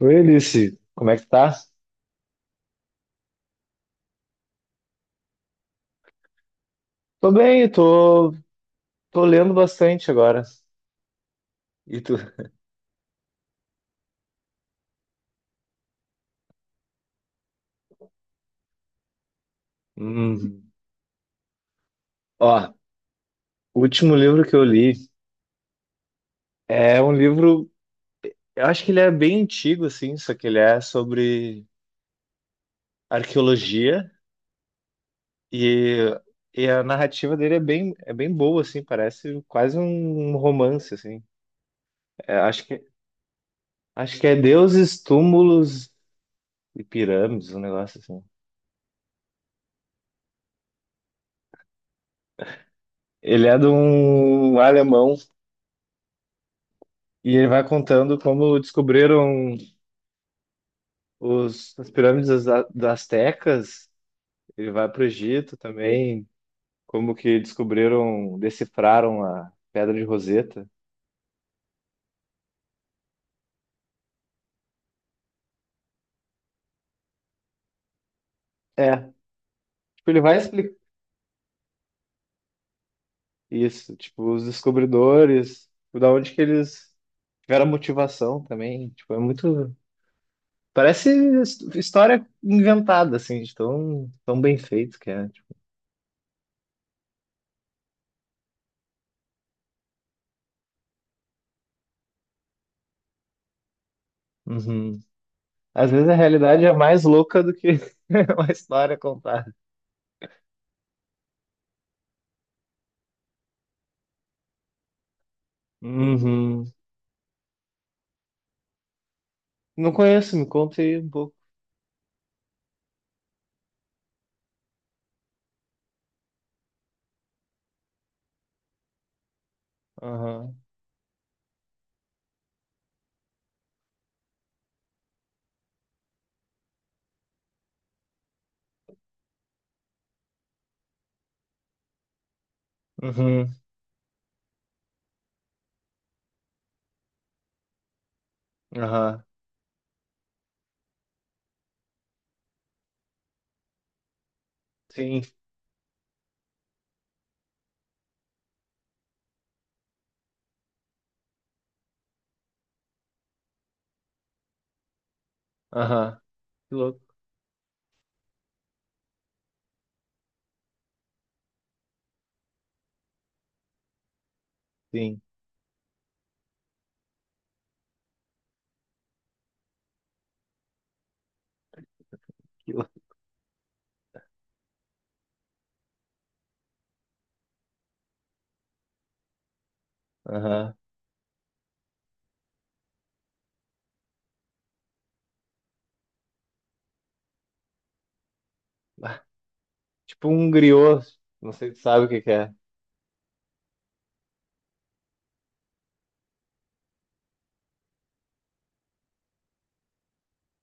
Oi, Alice, como é que tá? Tô bem, tô lendo bastante agora. E tu? Hum. Ó, o último livro que eu li é um livro, eu acho que ele é bem antigo, assim, só que ele é sobre arqueologia e, e a narrativa dele é é bem boa, assim, parece quase um romance, assim. É, acho que, acho que é Deuses, Túmulos e Pirâmides, um negócio assim. Ele é de um alemão e ele vai contando como descobriram as pirâmides das Astecas, ele vai para o Egito também, como que descobriram, decifraram a Pedra de Roseta. É, tipo, ele vai explicar isso, tipo, os descobridores, tipo, da onde que eles tiveram a motivação também, tipo, é muito... Parece história inventada, assim, de tão bem feito que é. Tipo, uhum. Às vezes a realidade é mais louca do que uma história contada. Uhum. Não conheço, me conta aí um pouco. Uhum. Aham. Sim. Aham. Que louco. Sim. Que louco. Aham. Ah, tipo um griot. Não sei se sabe o que que é.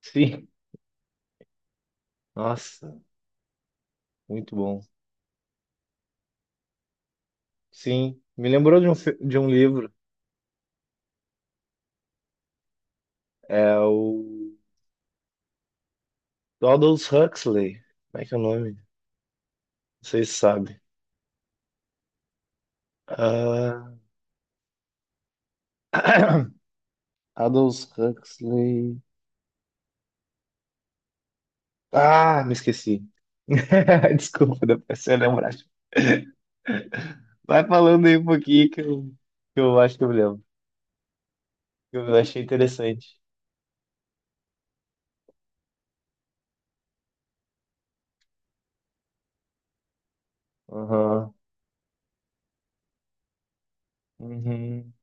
Sim. Nossa, muito bom. Sim. Me lembrou de de um livro. É o do Aldous Huxley. Como é que é o nome? Não sei se sabe. Ah, Aldous Huxley. Ah, me esqueci. Desculpa, depois se eu lembrar. Vai falando aí um pouquinho que eu acho que eu me lembro. Que eu achei interessante. Aham. Uhum.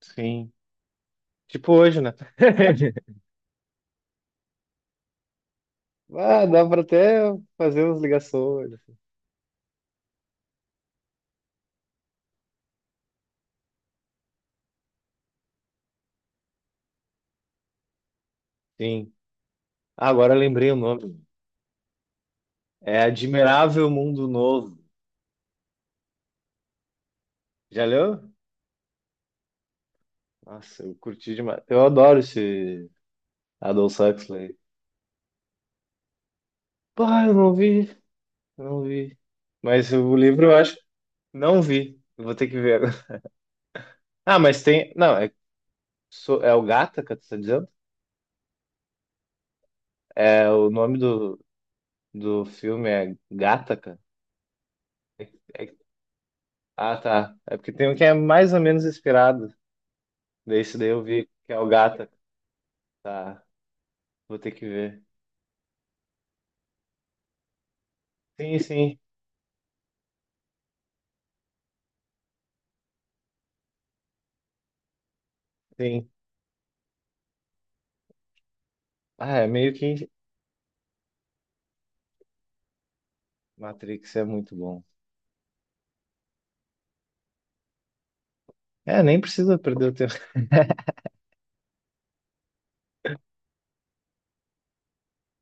Sim. Tipo hoje, né? Ah, dá pra até fazer umas ligações. Sim. Ah, agora eu lembrei o nome. É Admirável Mundo Novo. Já leu? Nossa, eu curti demais. Eu adoro esse Aldous Huxley. Pá, eu não vi. Mas o livro eu acho. Não vi. Eu vou ter que ver agora. Ah, mas tem. Não, é, so- é o Gattaca, tu tá dizendo? É, o nome do filme é Gattaca. É, é Ah, tá. É porque tem um que é mais ou menos inspirado. Desse daí eu vi que é o Gata. Tá, vou ter que ver. Sim, sim, sim. Ah, é meio que Matrix é muito bom. É, nem precisa perder o tempo.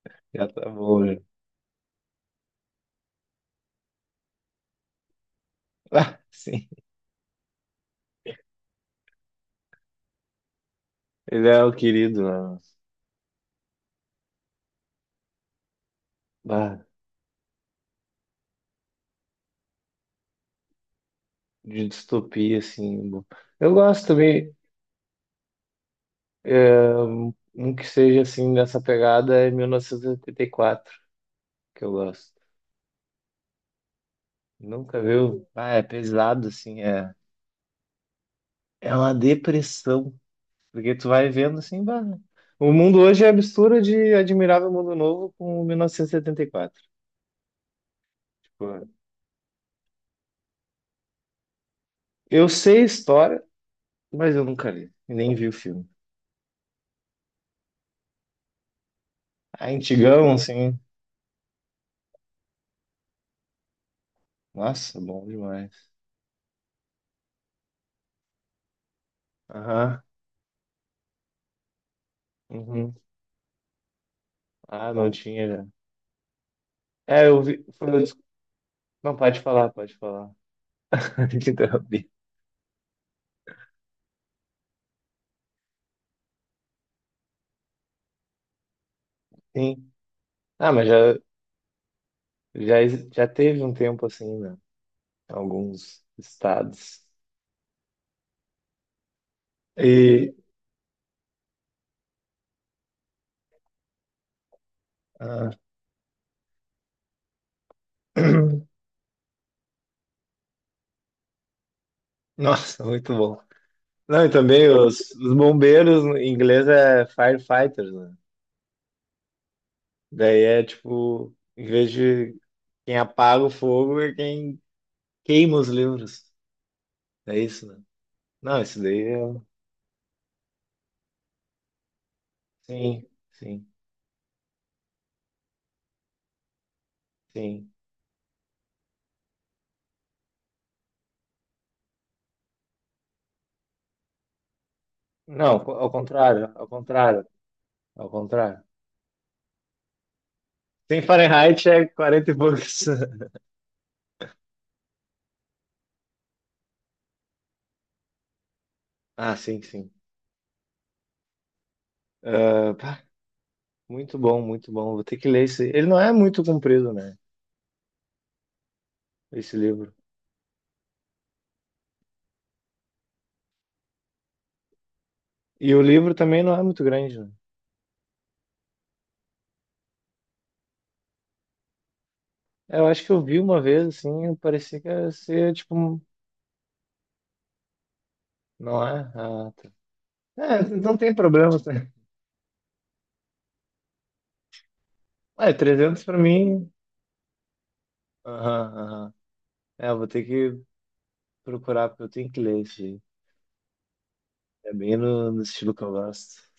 Já tá bom, já. Ah, sim. Ele é o querido, né? Ah, de distopia, assim. Bom. Eu gosto também. É, um que seja assim, nessa pegada é 1984 que eu gosto. Nunca viu? Ah, é pesado, assim. É, é uma depressão. Porque tu vai vendo assim, bah, né? O mundo hoje é a mistura de Admirável Mundo Novo com 1974. Tipo, eu sei a história, mas eu nunca li, e nem vi o filme. Ah, antigão, assim. Nossa, bom demais. Aham. Uhum. Ah, não tinha já. É, eu vi. Não, pode pode falar. Te interrompi. Sim. Ah, mas já teve um tempo assim, né? Em alguns estados. E. Ah, nossa, muito bom. Não, e também os bombeiros em inglês é firefighters, né? Daí é tipo, em vez de quem apaga o fogo é quem queima os livros. É isso, né? Não, isso daí é. Um, Sim, sim, sim. Não, ao contrário. Sem Fahrenheit é 40 e poucos. Ah, sim. Ah, pá, muito bom. Vou ter que ler esse. Ele não é muito comprido, né? Esse livro. E o livro também não é muito grande, né? Eu acho que eu vi uma vez, assim, parecia que ia ser, tipo, um- não é? Ah, tá. É, não tem problema. Tá? É, 300 pra mim. Aham, aham. É, eu vou ter que procurar, porque eu tenho que ler isso aí. É bem no estilo que eu gosto.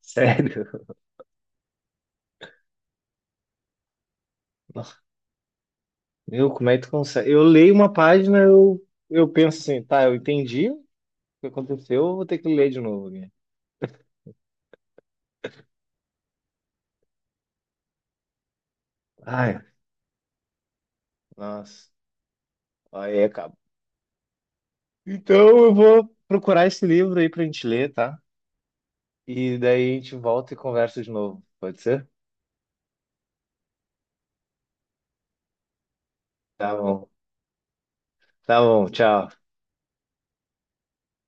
Sério. Meu, como é que tu consegue? Eu leio uma eu penso assim, tá, eu entendi o que aconteceu, eu vou ter que ler de novo aqui. Ai, nossa. Aí acaba. Então eu vou procurar esse livro aí pra gente ler, tá? E daí a gente volta e conversa de novo. Pode ser? Tá bom. Tá bom, tchau.